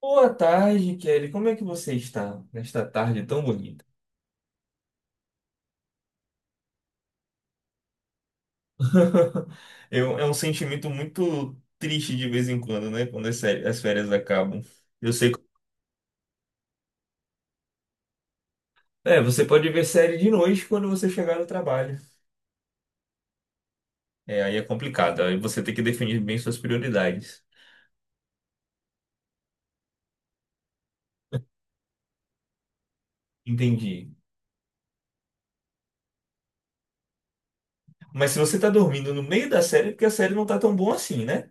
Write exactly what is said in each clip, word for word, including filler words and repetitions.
Boa tarde, Kelly. Como é que você está nesta tarde tão bonita? Eu- é um sentimento muito triste de vez em quando, né? Quando as, séries- as férias acabam. Eu sei. que- É, você pode ver série de noite quando você chegar no trabalho. É, aí é complicado. Aí você tem que definir bem suas prioridades. Entendi. Mas se você tá dormindo no meio da série, é porque a série não tá tão boa assim, né?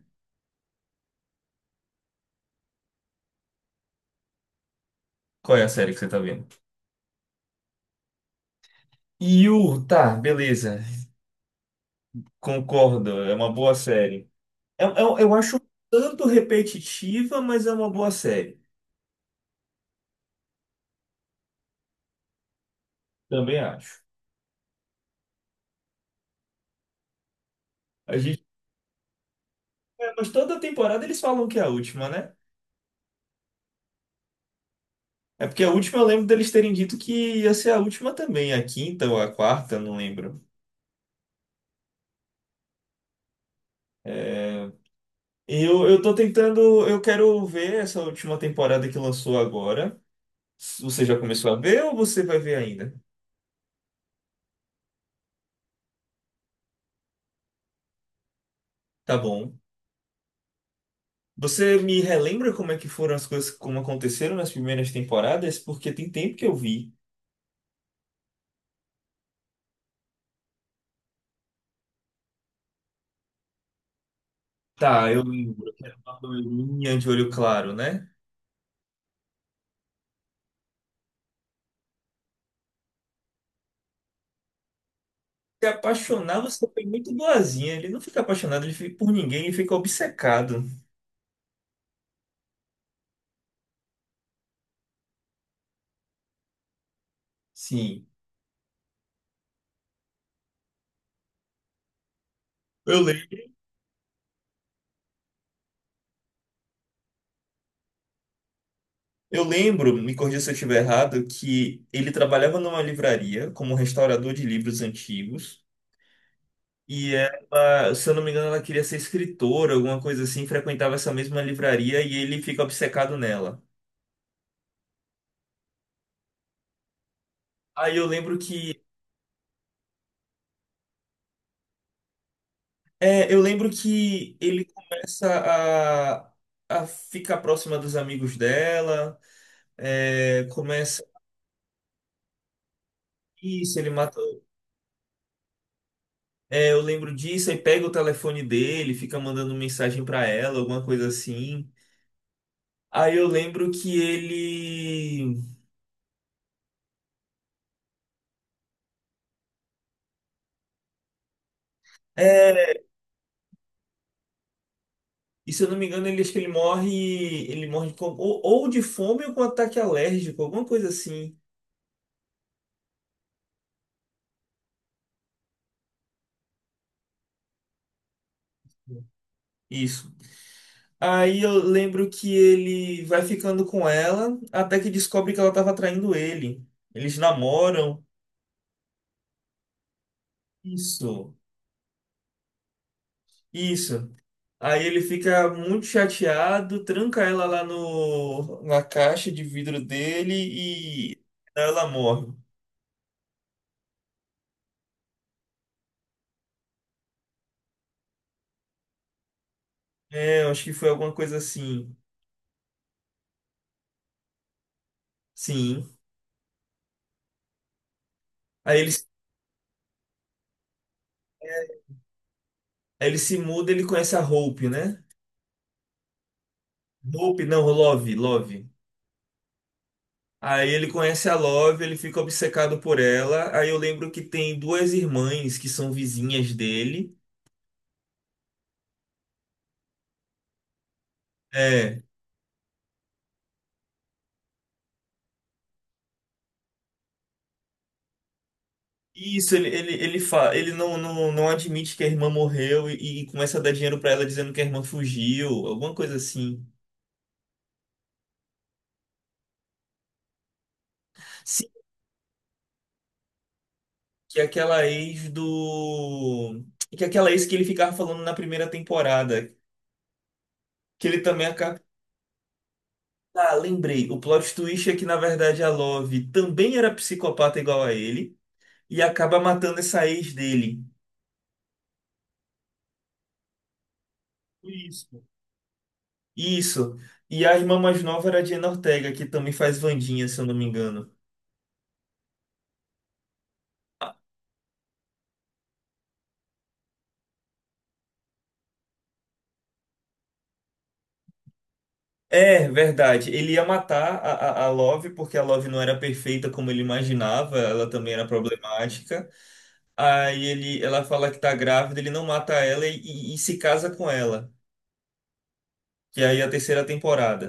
Qual é a série que você tá vendo? Yu, tá, beleza. Concordo, é uma boa série. Eu, eu, eu acho um tanto repetitiva, mas é uma boa série. Também acho. A gente, é, mas toda temporada eles falam que é a última, né? É porque a última eu lembro deles terem dito que ia ser a última também, a quinta ou a quarta, não lembro. É, e eu, eu tô tentando, eu quero ver essa última temporada que lançou agora. Você já começou a ver ou você vai ver ainda? Tá bom. Você me relembra como é que foram as coisas, como aconteceram nas primeiras temporadas? Porque tem tempo que eu vi. Tá, eu lembro que era uma loirinha de olho claro, né? Se apaixonar, você foi muito boazinha. Ele não fica apaixonado ele fica- por ninguém, ele fica obcecado. Sim. Eu, le eu lembro, me corrija se eu estiver errado, que ele trabalhava numa livraria como restaurador de livros antigos. E ela, se eu não me engano, ela queria ser escritora, alguma coisa assim, frequentava essa mesma livraria e ele fica obcecado nela. Aí eu lembro que É, eu lembro que ele começa a, a ficar próxima dos amigos dela, é, começa isso, ele mata. É, eu lembro disso, aí pega o telefone dele, fica mandando mensagem pra ela, alguma coisa assim. Aí eu lembro que ele. É, e se eu não me engano, ele acho que ele morre. Ele morre com, ou, ou de fome ou com ataque alérgico, alguma coisa assim. Isso. Aí eu lembro que ele vai ficando com ela até que descobre que ela estava traindo ele. Eles namoram. Isso, isso. Aí ele fica muito chateado, tranca ela lá no, na caixa de vidro dele e ela morre. É, eu acho que foi alguma coisa assim. Sim. Aí ele, aí ele se muda, ele conhece a Hope, né? Hope, não, Love, Love. Aí ele conhece a Love, ele fica obcecado por ela. Aí eu lembro que tem duas irmãs que são vizinhas dele. É. Isso, ele, ele, ele, fa... ele não, não, não admite que a irmã morreu e, e começa a dar dinheiro pra ela dizendo que a irmã fugiu, alguma coisa assim. Sim, que é aquela ex do. Que é aquela ex que ele ficava falando na primeira temporada. Que ele também acaba. Ah, lembrei. O plot twist é que, na verdade, a Love também era psicopata igual a ele e acaba matando essa ex dele. Isso. Isso. E a irmã mais nova era a Jenna Ortega, que também faz Wandinha, se eu não me engano. É, verdade. Ele ia matar a, a, a Love porque a Love não era perfeita como ele imaginava, ela também era problemática. Aí ele, ela fala que tá grávida, ele não mata ela e, e- e se casa com ela, que aí é a terceira temporada.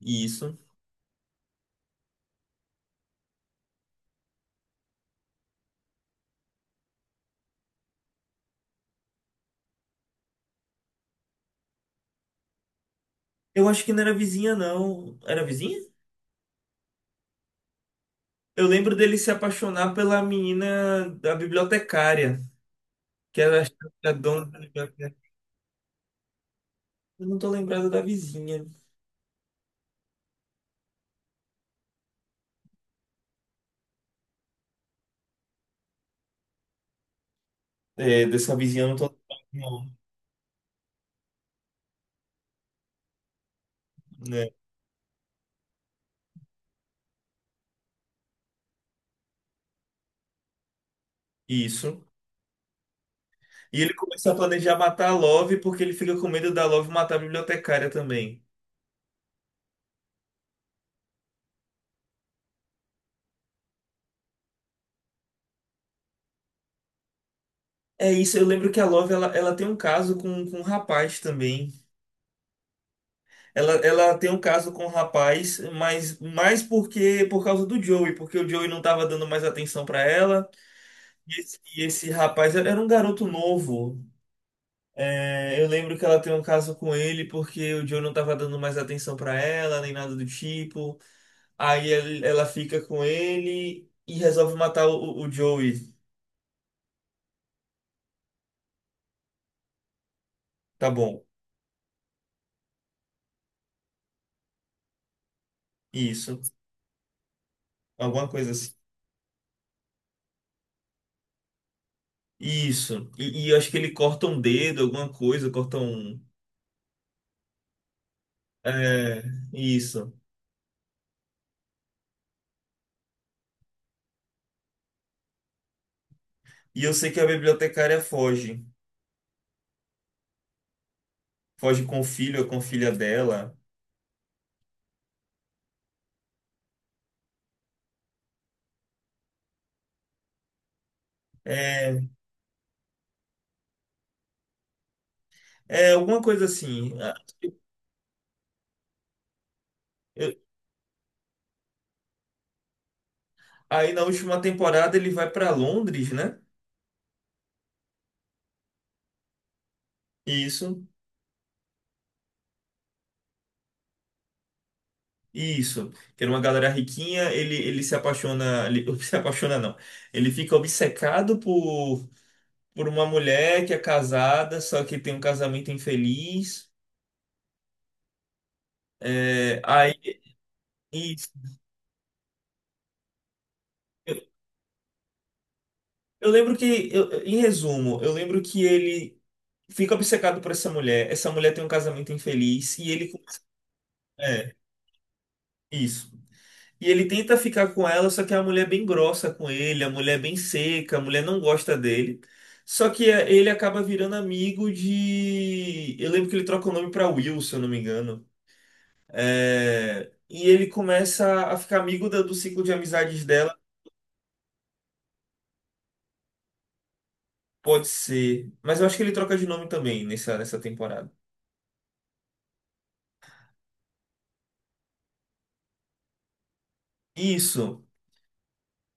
Isso. Eu acho que não era vizinha, não. Era vizinha? Eu lembro dele se apaixonar pela menina da bibliotecária, que era a dona da bibliotecária. Eu não tô lembrado da vizinha. É, dessa vizinha eu não tô lembrado, não, né? Isso. E ele começa a planejar matar a Love porque ele fica com medo da Love matar a bibliotecária também. É isso, eu lembro que a Love ela, ela tem um caso com, com um rapaz também. Ela, ela tem um caso com um rapaz, mas mais porque por causa do Joey, porque o Joey não tava dando mais atenção pra ela. E esse, e esse rapaz era era um garoto novo. É, eu lembro que ela tem um caso com ele porque o Joe não tava dando mais atenção pra ela, nem nada do tipo. Aí ele- ela fica com ele e resolve matar o, o Joey. Tá bom, isso. Alguma coisa assim. Isso. E, e eu acho que ele corta um dedo, alguma coisa, corta um. É, isso. E eu sei que a bibliotecária foge. Foge com o filho ou com a filha dela. É, é alguma coisa assim. Ah, eu- Aí na última temporada ele vai pra Londres, né? Isso, isso. Que era uma galera riquinha, ele, ele se apaixona, ele se apaixona não. Ele fica obcecado por, por uma mulher que é casada, só que tem um casamento infeliz. É, aí, isso. eu, eu lembro que, eu- em resumo, eu lembro que ele fica obcecado por essa mulher. Essa mulher tem um casamento infeliz e ele, é, isso. E ele tenta ficar com ela, só que a mulher é bem grossa com ele, a mulher é bem seca, a mulher não gosta dele. Só que é, ele acaba virando amigo de. Eu lembro que ele troca o nome pra Will, se eu não me engano. É, e ele começa a ficar amigo da- do ciclo de amizades dela, pode ser. Mas eu acho que ele troca de nome também nessa, nessa temporada. Isso.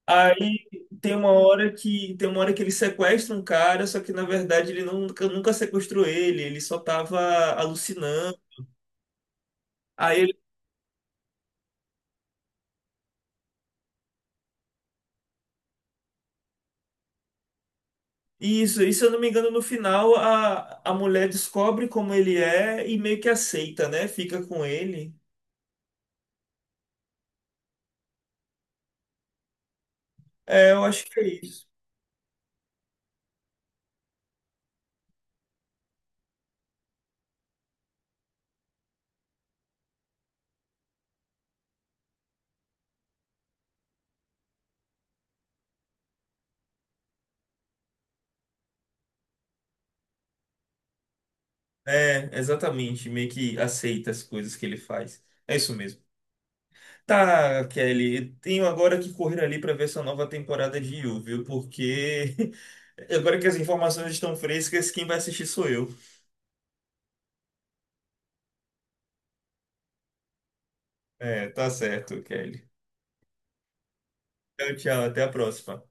Aí tem uma hora que tem uma hora que ele sequestra um cara, só que na verdade ele nunca, nunca sequestrou ele, ele só tava alucinando. Aí isso, e se eu não me engano, no final a, a mulher descobre como ele é e meio que aceita, né? Fica com ele. É, eu acho que é isso. É, exatamente, meio que aceita as coisas que ele faz. É isso mesmo. Tá, Kelly, eu tenho agora que correr ali para ver essa nova temporada de You, viu? Porque agora que as informações estão frescas, quem vai assistir sou eu. É, tá certo, Kelly. Tchau, tchau, até a próxima.